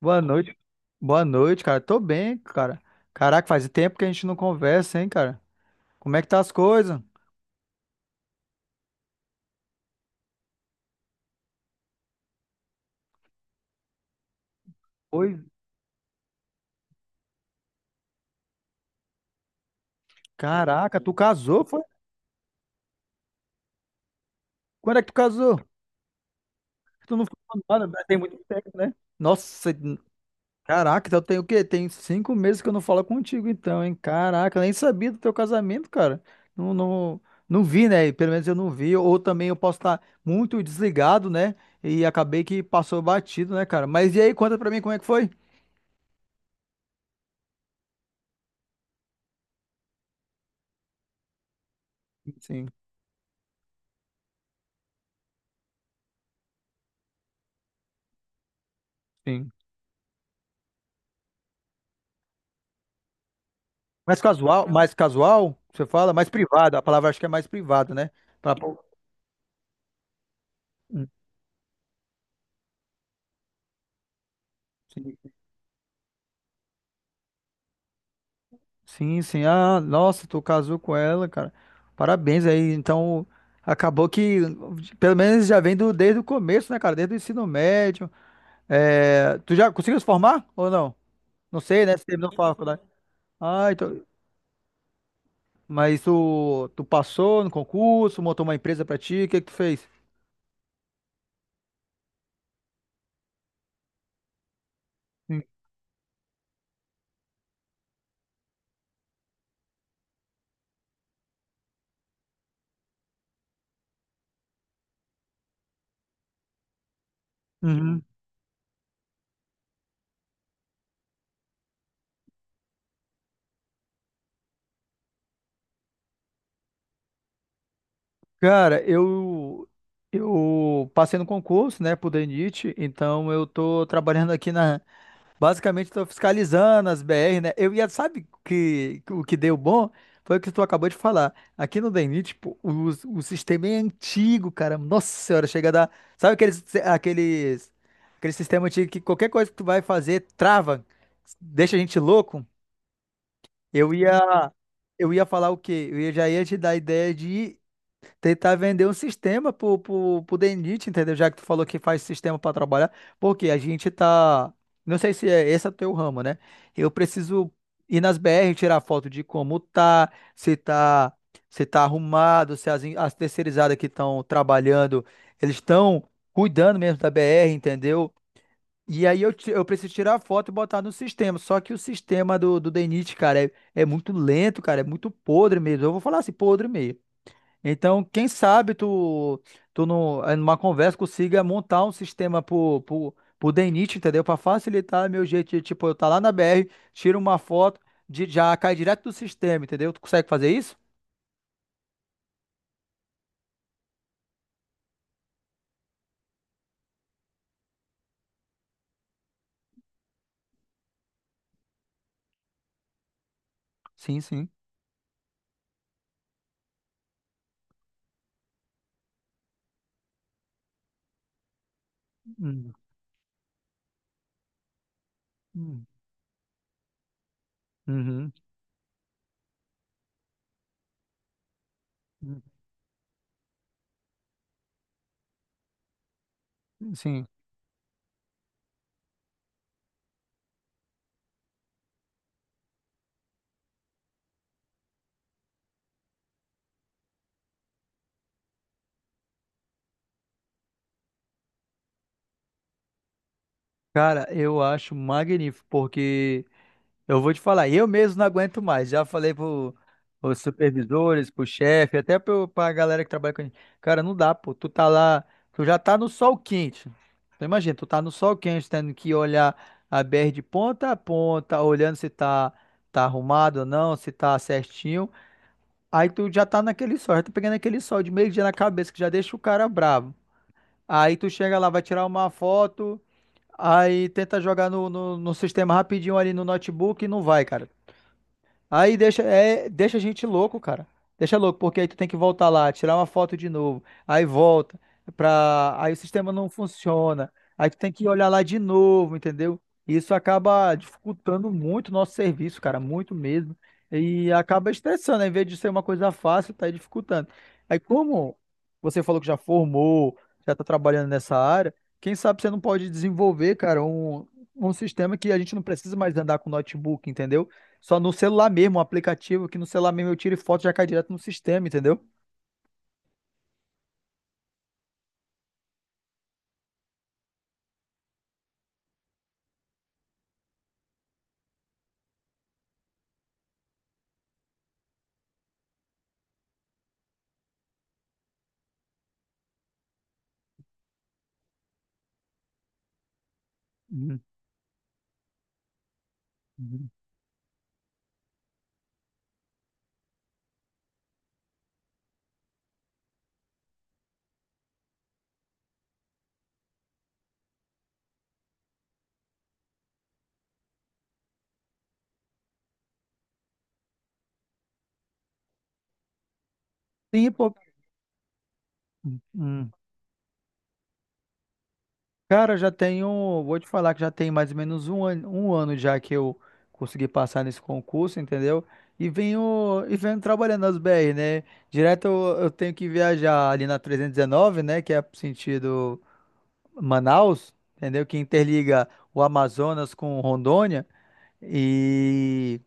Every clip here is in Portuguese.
Boa noite. Boa noite, cara. Tô bem, cara. Caraca, faz tempo que a gente não conversa, hein, cara? Como é que tá as coisas? Oi. Caraca, tu casou, foi? Quando é que tu casou? Tu não ficou falando, né? Tem muito tempo, né? Nossa, caraca, então tem o quê? Tem cinco meses que eu não falo contigo, então, hein? Caraca, eu nem sabia do teu casamento, cara. Não, não, não vi, né? Pelo menos eu não vi. Ou também eu posso estar muito desligado, né? E acabei que passou batido, né, cara? Mas e aí, conta pra mim como é que foi? Sim, sim. Mais casual, você fala, mais privado. A palavra acho que é mais privado, né? Pra... Hum. Sim, sim, sim. Ah, nossa, tu casou com ela, cara. Parabéns aí. Então, acabou que, pelo menos já vem do, desde o começo, né, cara? Desde o ensino médio. É, tu já conseguiu se formar ou não? Não sei, né? Você terminou a faculdade. Ah, então... Mas tu passou no concurso, montou uma empresa pra ti, o que que tu fez? Sim. Uhum. Cara, eu passei no concurso, né, pro DENIT, então eu tô trabalhando aqui na, basicamente tô fiscalizando as BR, né? Eu ia, sabe que o que deu bom foi o que tu acabou de falar. Aqui no DENIT, pô, o sistema é antigo, cara. Nossa Senhora, chega a dar, sabe aqueles aquele sistema antigo que qualquer coisa que tu vai fazer trava, deixa a gente louco? Eu ia eu ia falar o quê? Já ia te dar a ideia de tentar vender um sistema pro DNIT, entendeu? Já que tu falou que faz sistema para trabalhar, porque a gente tá. Não sei se é esse é o teu ramo, né? Eu preciso ir nas BR, tirar foto de como tá, se tá, se tá arrumado, se as, as terceirizadas que estão trabalhando, eles estão cuidando mesmo da BR, entendeu? E aí eu preciso tirar a foto e botar no sistema. Só que o sistema do, do DNIT, cara, é, é muito lento, cara, é muito podre mesmo. Eu vou falar assim, podre mesmo. Então, quem sabe tu, tu no, numa conversa consiga montar um sistema pro DNIT, entendeu? Para facilitar meu jeito de, tipo, eu tá lá na BR, tiro uma foto, de, já cai direto do sistema, entendeu? Tu consegue fazer isso? Sim, sim. Hum, hum, uhum, hum. Sim. Cara, eu acho magnífico, porque eu vou te falar, eu mesmo não aguento mais. Já falei pro os supervisores, pro chefe, até pro, pra galera que trabalha com a gente. Cara, não dá, pô. Tu tá lá, tu já tá no sol quente. Tu imagina, tu tá no sol quente, tendo que olhar a BR de ponta a ponta, olhando se tá, tá arrumado ou não, se tá certinho. Aí tu já tá naquele sol, já tá pegando aquele sol de meio-dia na cabeça, que já deixa o cara bravo. Aí tu chega lá, vai tirar uma foto, aí tenta jogar no, no, no sistema rapidinho ali no notebook e não vai, cara. Aí deixa, deixa a gente louco, cara. Deixa louco, porque aí tu tem que voltar lá, tirar uma foto de novo. Aí volta pra. Aí o sistema não funciona. Aí tu tem que olhar lá de novo, entendeu? Isso acaba dificultando muito o nosso serviço, cara, muito mesmo. E acaba estressando, em vez de ser uma coisa fácil, tá aí dificultando. Aí como você falou que já formou, já tá trabalhando nessa área, quem sabe você não pode desenvolver, cara, um sistema que a gente não precisa mais andar com notebook, entendeu? Só no celular mesmo, um aplicativo que no celular mesmo eu tiro e foto e já cai direto no sistema, entendeu? Uhum, uhum. Sim, pô. Hum. Cara, já tenho. Vou te falar que já tem mais ou menos um ano já que eu consegui passar nesse concurso, entendeu? E venho trabalhando nas BR, né? Direto eu tenho que viajar ali na 319, né? Que é sentido Manaus, entendeu? Que interliga o Amazonas com Rondônia. E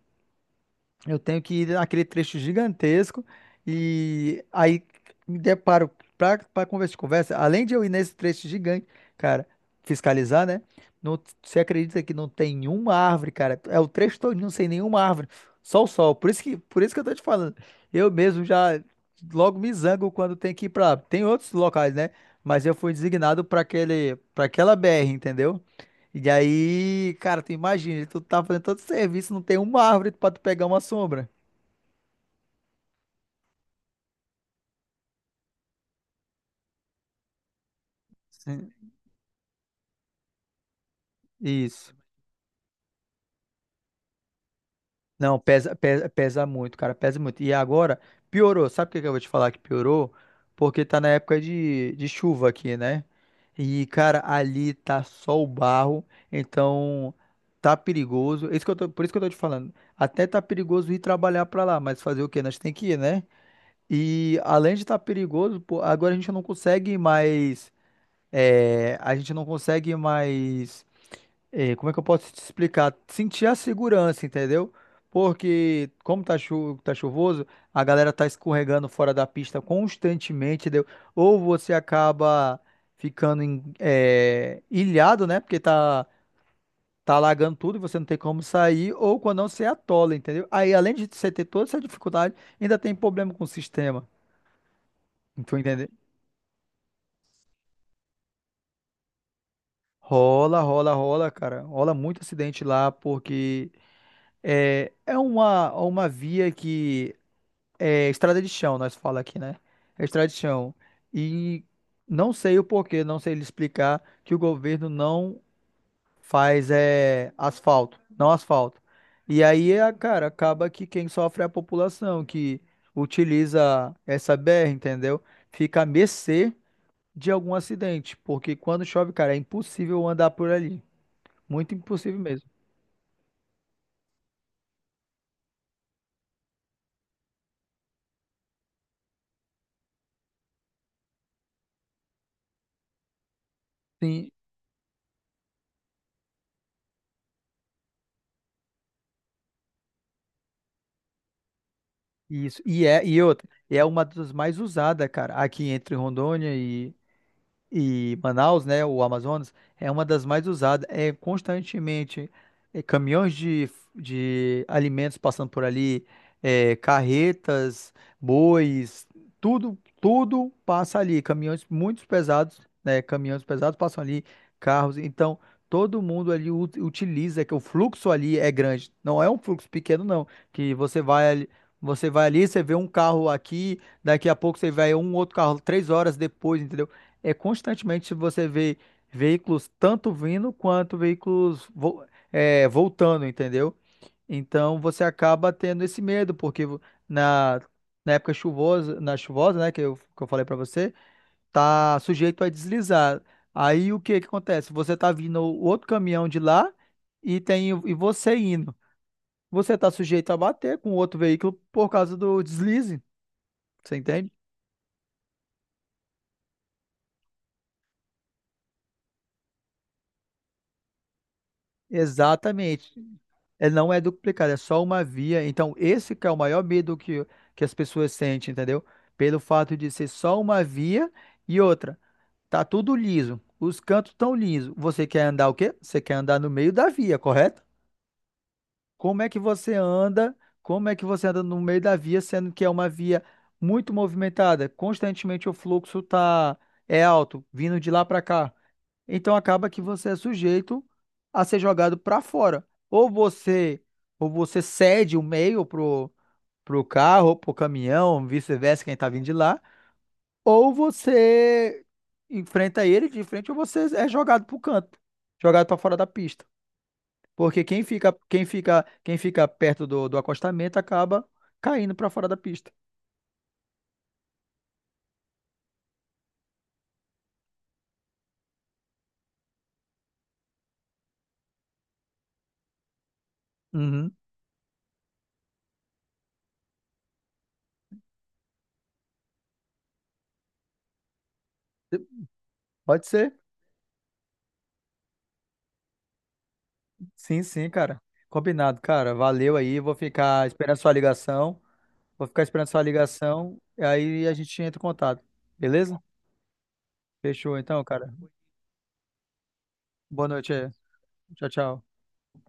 eu tenho que ir naquele trecho gigantesco e aí me deparo para conversa de conversa. Além de eu ir nesse trecho gigante, cara, fiscalizar, né? Não, você acredita que não tem uma árvore, cara? É o trecho todinho sem nenhuma árvore, só o sol. Por isso que eu tô te falando. Eu mesmo já logo me zango quando tem que ir para. Tem outros locais, né? Mas eu fui designado para aquele, para aquela BR, entendeu? E aí, cara, tu imagina, tu tá fazendo todo serviço, não tem uma árvore pra tu pegar uma sombra. Sim. Isso. Não, pesa, pesa, pesa muito, cara, pesa muito. E agora, piorou. Sabe o que que eu vou te falar que piorou? Porque tá na época de chuva aqui, né? E, cara, ali tá só o barro, então tá perigoso. Isso que eu tô, por isso que eu tô te falando. Até tá perigoso ir trabalhar pra lá, mas fazer o quê? Nós tem que ir, né? E além de estar perigoso, pô, agora a gente não consegue mais. A gente não consegue mais, como é que eu posso te explicar? Sentir a segurança, entendeu? Porque como tá, chu tá chuvoso, a galera tá escorregando fora da pista constantemente, entendeu? Ou você acaba ficando ilhado, né? Porque tá, tá alagando tudo e você não tem como sair, ou quando não, você atola, entendeu? Aí, além de você ter toda essa dificuldade, ainda tem problema com o sistema, tu entendeu? Rola, rola, rola, cara. Rola muito acidente lá, porque é, é uma via que é estrada de chão, nós fala aqui, né? É estrada de chão. E não sei o porquê, não sei lhe explicar que o governo não faz asfalto, não asfalto. E aí, cara, acaba que quem sofre é a população que utiliza essa BR, entendeu? Fica à mercê de algum acidente, porque quando chove, cara, é impossível andar por ali. Muito impossível mesmo. Sim. Isso, e é, e outra, é uma das mais usadas, cara, aqui entre Rondônia e Manaus, né, o Amazonas, é uma das mais usadas. É constantemente caminhões de alimentos passando por ali, é, carretas, bois, tudo, tudo passa ali. Caminhões muito pesados, né, caminhões pesados passam ali, carros. Então, todo mundo ali utiliza, que o fluxo ali é grande. Não é um fluxo pequeno, não, que você vai ali. Você vai ali, você vê um carro aqui, daqui a pouco você vê um outro carro três horas depois, entendeu? É constantemente você vê veículos tanto vindo quanto veículos voltando, entendeu? Então você acaba tendo esse medo, porque na, na época chuvosa, na chuvosa, né, que eu falei pra você, tá sujeito a deslizar. Aí o que que acontece? Você tá vindo o outro caminhão de lá e tem e você indo. Você tá sujeito a bater com outro veículo por causa do deslize, você entende? Exatamente. É, não é duplicado, é só uma via. Então, esse que é o maior medo que as pessoas sentem, entendeu? Pelo fato de ser só uma via e outra, tá tudo liso. Os cantos estão lisos. Você quer andar o quê? Você quer andar no meio da via, correto? Como é que você anda? Como é que você anda no meio da via, sendo que é uma via muito movimentada? Constantemente o fluxo tá alto, vindo de lá para cá. Então acaba que você é sujeito a ser jogado para fora. Ou você cede o meio pro pro carro, pro caminhão, vice-versa, quem tá vindo de lá, ou você enfrenta ele de frente ou você é jogado pro canto, jogado para fora da pista. Porque quem fica perto do, do acostamento acaba caindo para fora da pista. Uhum. Pode ser? Sim, sim, cara. Combinado, cara. Valeu aí. Vou ficar esperando sua ligação. Vou ficar esperando sua ligação. Aí a gente entra em contato. Beleza? Fechou então, cara. Boa noite aí. Tchau, tchau.